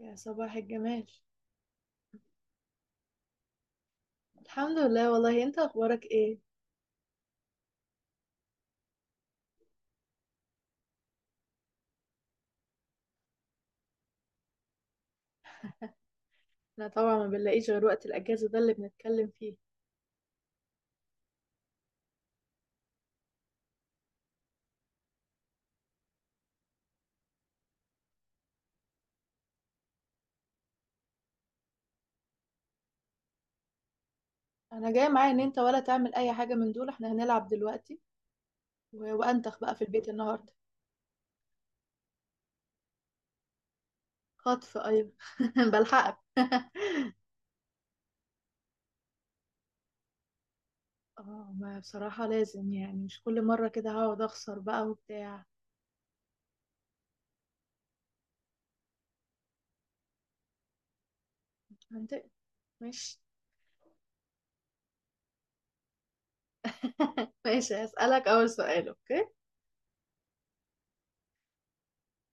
يا صباح الجمال. الحمد لله، والله انت اخبارك ايه؟ انا طبعا ما بنلاقيش غير وقت الاجازه ده اللي بنتكلم فيه. انا جاي معايا ان انت ولا تعمل اي حاجه من دول، احنا هنلعب دلوقتي و- وانتخ بقى في البيت النهارده. خطف، ايوه. بلحقك. اه، ما بصراحه لازم يعني مش كل مره كده هقعد اخسر بقى وبتاع. انت مش. ماشي، هسألك أول سؤال، أوكي؟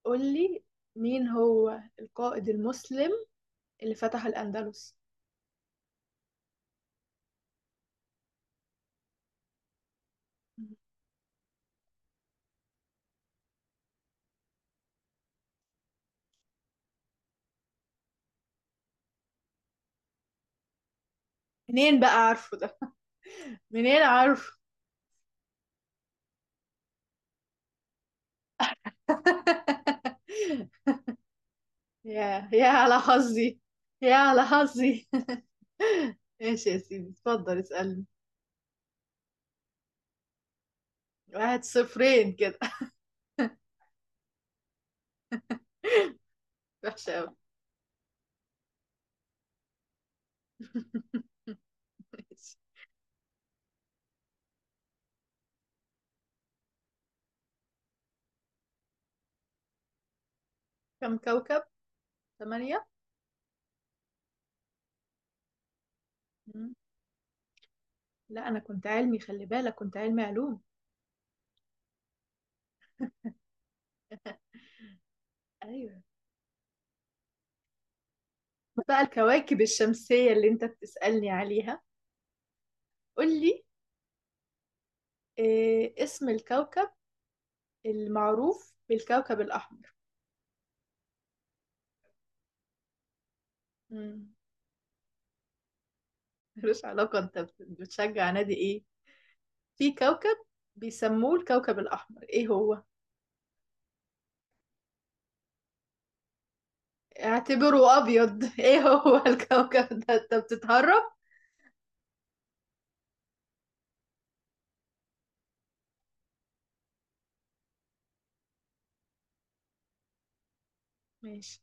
قول لي، مين هو القائد المسلم اللي فتح الأندلس؟ منين بقى عارفه ده؟ منين عارف؟ يا على حظي. يا على حظي. ماشي يا سيدي، اتفضل اسألني. واحد صفرين كده. وحشة أوي. ماشي. كم كوكب؟ ثمانية؟ مم. لا، أنا كنت علمي، خلي بالك كنت علمي علوم. أيوة. بقى الكواكب الشمسية اللي أنت بتسألني عليها، قول لي، إيه اسم الكوكب المعروف بالكوكب الأحمر؟ مم. ملوش علاقة، أنت بتشجع نادي إيه؟ في كوكب بيسموه الكوكب الأحمر، ايه هو؟ اعتبره أبيض. ايه هو الكوكب ده؟ انت بتتهرب؟ ماشي.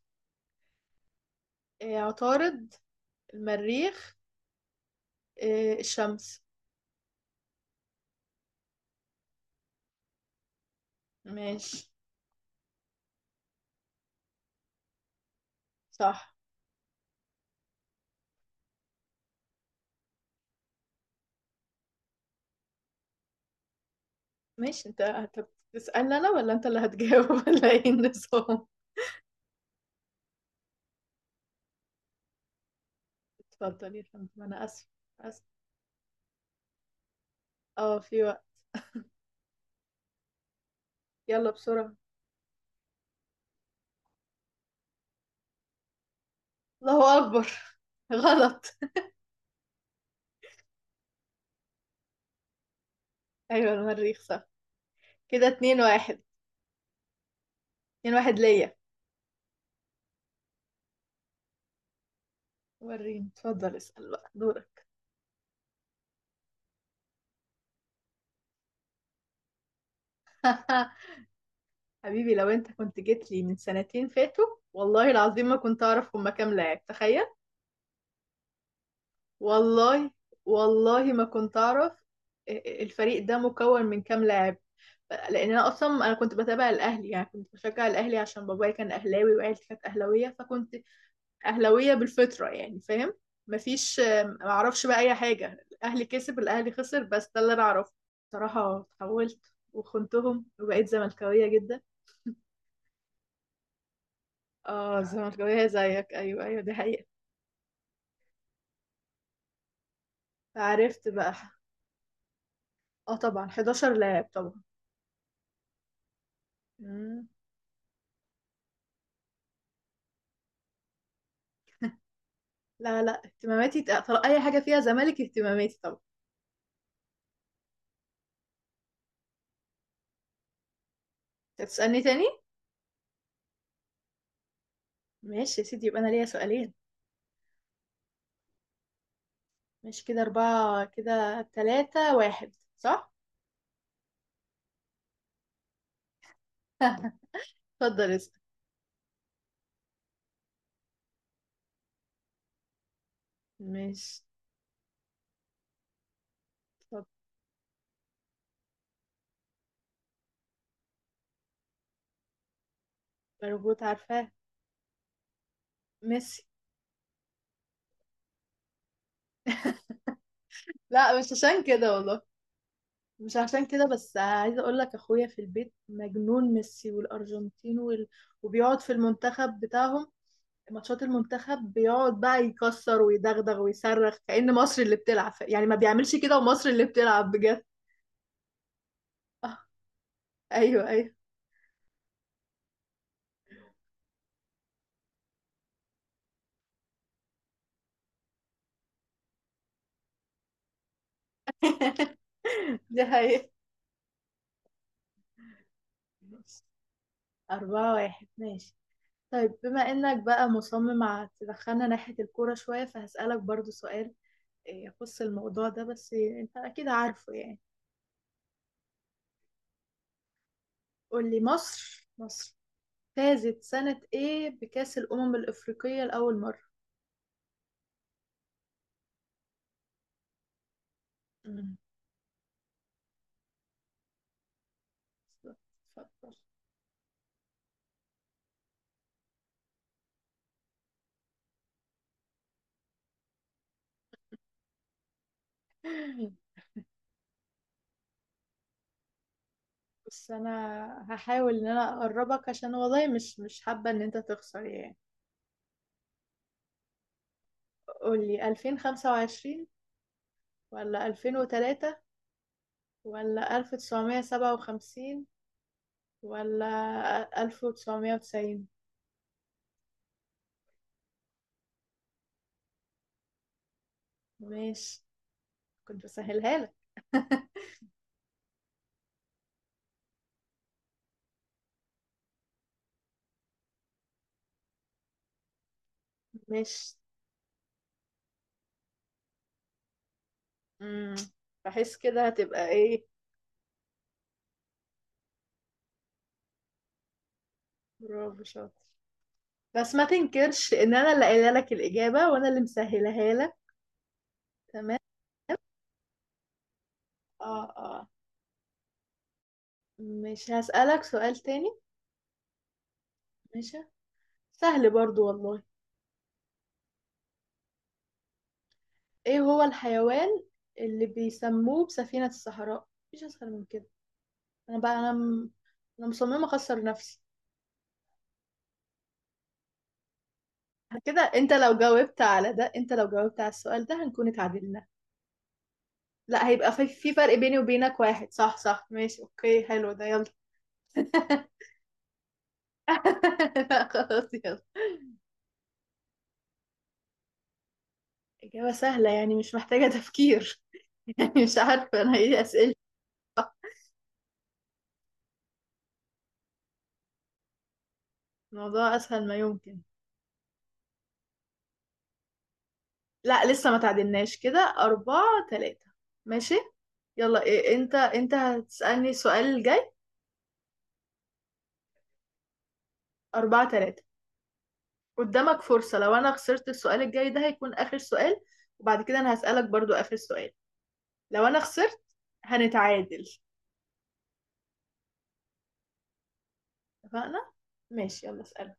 إيه، عطارد، المريخ، إيه الشمس. ماشي. صح. ماشي، انت هتسألني انا ولا انت اللي هتجاوب؟ ولا ايه النظام؟ اتفضل يا فندم، انا اسف، اسف. اه، في وقت. يلا بسرعة. الله أكبر. غلط. ايوه، المريخ صح. كده اتنين واحد. اتنين واحد ليا. وريني، اتفضل اسأل بقى دورك. حبيبي، لو انت كنت جيت لي من سنتين فاتوا، والله العظيم ما كنت اعرف هما كام لاعب، تخيل. والله. والله ما كنت اعرف. الفريق ده مكون من كام لاعب؟ لان انا اصلا كنت بتابع الاهلي، يعني كنت بشجع الاهلي عشان بابايا كان اهلاوي وعيلتي كانت اهلاويه، فكنت اهلاويه بالفطره، يعني فاهم. مفيش، ما اعرفش بقى اي حاجه، الاهلي كسب الاهلي خسر، بس ده اللي انا اعرفه. بصراحه اتحولت وخنتهم وبقيت زملكاويه جدا. اه، الزمركاوية زيك. ايوه، ايوه، دي حقيقة. عرفت بقى. اه طبعا، 11 لاعب طبعا. مم. لا، لا، اهتماماتي اي حاجة فيها زمالك اهتماماتي طبعا. انت هتسألني تاني؟ ماشي يا سيدي، يبقى انا ليا سؤالين. ماشي، كده اربعة، كده تلاتة واحد، صح. اتفضل اسأل. ماشي طب. مربوط، عارفاه. ميسي. لا، مش عشان كده والله. مش عشان كده، بس عايزه اقول لك اخويا في البيت مجنون ميسي والارجنتين وال... وبيقعد في المنتخب بتاعهم، ماتشات المنتخب بيقعد بقى يكسر ويدغدغ ويصرخ كأن مصر اللي بتلعب، يعني ما بيعملش كده ومصر اللي بتلعب بجد. آه، ايوه، ايوه. دي حقيقة. أربعة واحد، ماشي. طيب، بما إنك بقى مصمم على تدخلنا ناحية الكورة شوية، فهسألك برضو سؤال يخص الموضوع ده، بس أنت أكيد عارفه يعني. قول لي، مصر فازت سنة إيه بكأس الأمم الأفريقية لأول مرة؟ مم. اتفضل. بس انا هحاول ان انا اقربك، عشان والله مش حابة ان انت تخسر يعني. قولي 2025 ولا 2003 ولا 1957 ولا 1990؟ ماشي، كنت بسهلها لك. ماشي. امم بحس كده هتبقى ايه. برافو، شاطر. بس ما تنكرش ان انا اللي قايله لك الاجابة وانا اللي مسهلها لك. تمام. اه، اه، مش هسألك سؤال تاني؟ ماشي، سهل برضو والله. ايه هو الحيوان اللي بيسموه بسفينة الصحراء؟ مفيش اسهل من كده. انا بقى انا م... انا مصممة اخسر نفسي. كده انت لو جاوبت على السؤال ده هنكون اتعادلنا. لا، هيبقى في فرق بيني وبينك واحد، صح، صح. ماشي، اوكي، حلو ده، يلا. لا خلاص، يلا. إجابة سهلة يعني، مش محتاجة تفكير. يعني مش عارفة أنا إيه أسئلة. الموضوع أسهل ما يمكن. لا لسه ما تعدلناش، كده أربعة تلاتة. ماشي، يلا. إيه انت هتسألني السؤال الجاي؟ أربعة تلاتة. قدامك فرصة، لو أنا خسرت السؤال الجاي ده هيكون آخر سؤال. وبعد كده أنا هسألك برضو آخر سؤال، لو أنا خسرت هنتعادل. اتفقنا؟ ماشي، يلا اسألك.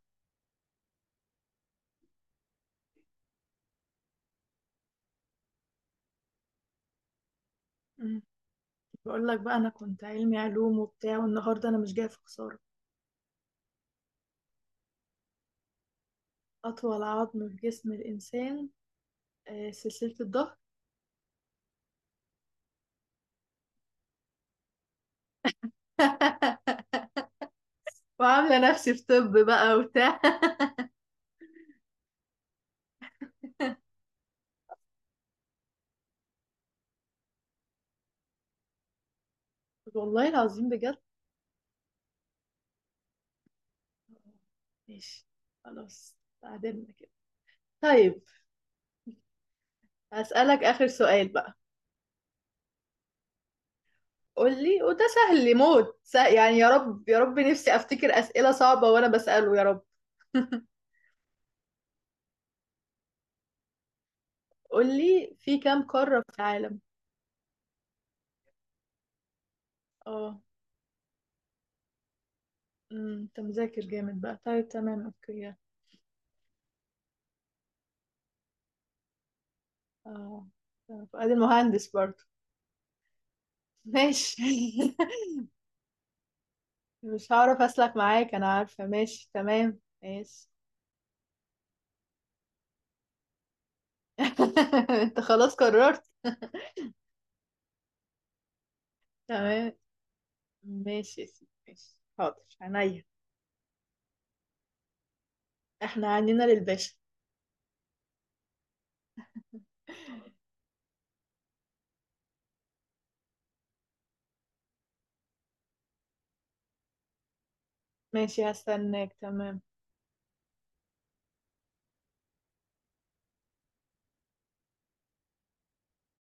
مم. بقول لك بقى، أنا كنت علمي علوم وبتاع، والنهاردة أنا مش جاية في خسارة. أطول عظم في جسم الإنسان، سلسلة الظهر. وعاملة نفسي في طب بقى وبتاع. والله العظيم بجد. ماشي، خلاص تعادلنا كده. طيب، هسألك آخر سؤال بقى. قول لي، وده سهل لي موت، يعني يا رب يا رب نفسي أفتكر أسئلة صعبة وأنا بسأله، يا رب. قول لي، في كام قارة في العالم؟ اه. انت مذاكر جامد بقى، طيب تمام، اوكي. اه، فؤاد المهندس برضه. ماشي. مش هعرف أسلك معاك، أنا عارفة، ماشي تمام ماشي. انت خلاص قررت. تمام. ماشي يا سيدي، ماشي، حاضر عينيا. احنا عنينا للباشا. ماشي، هستناك. تمام.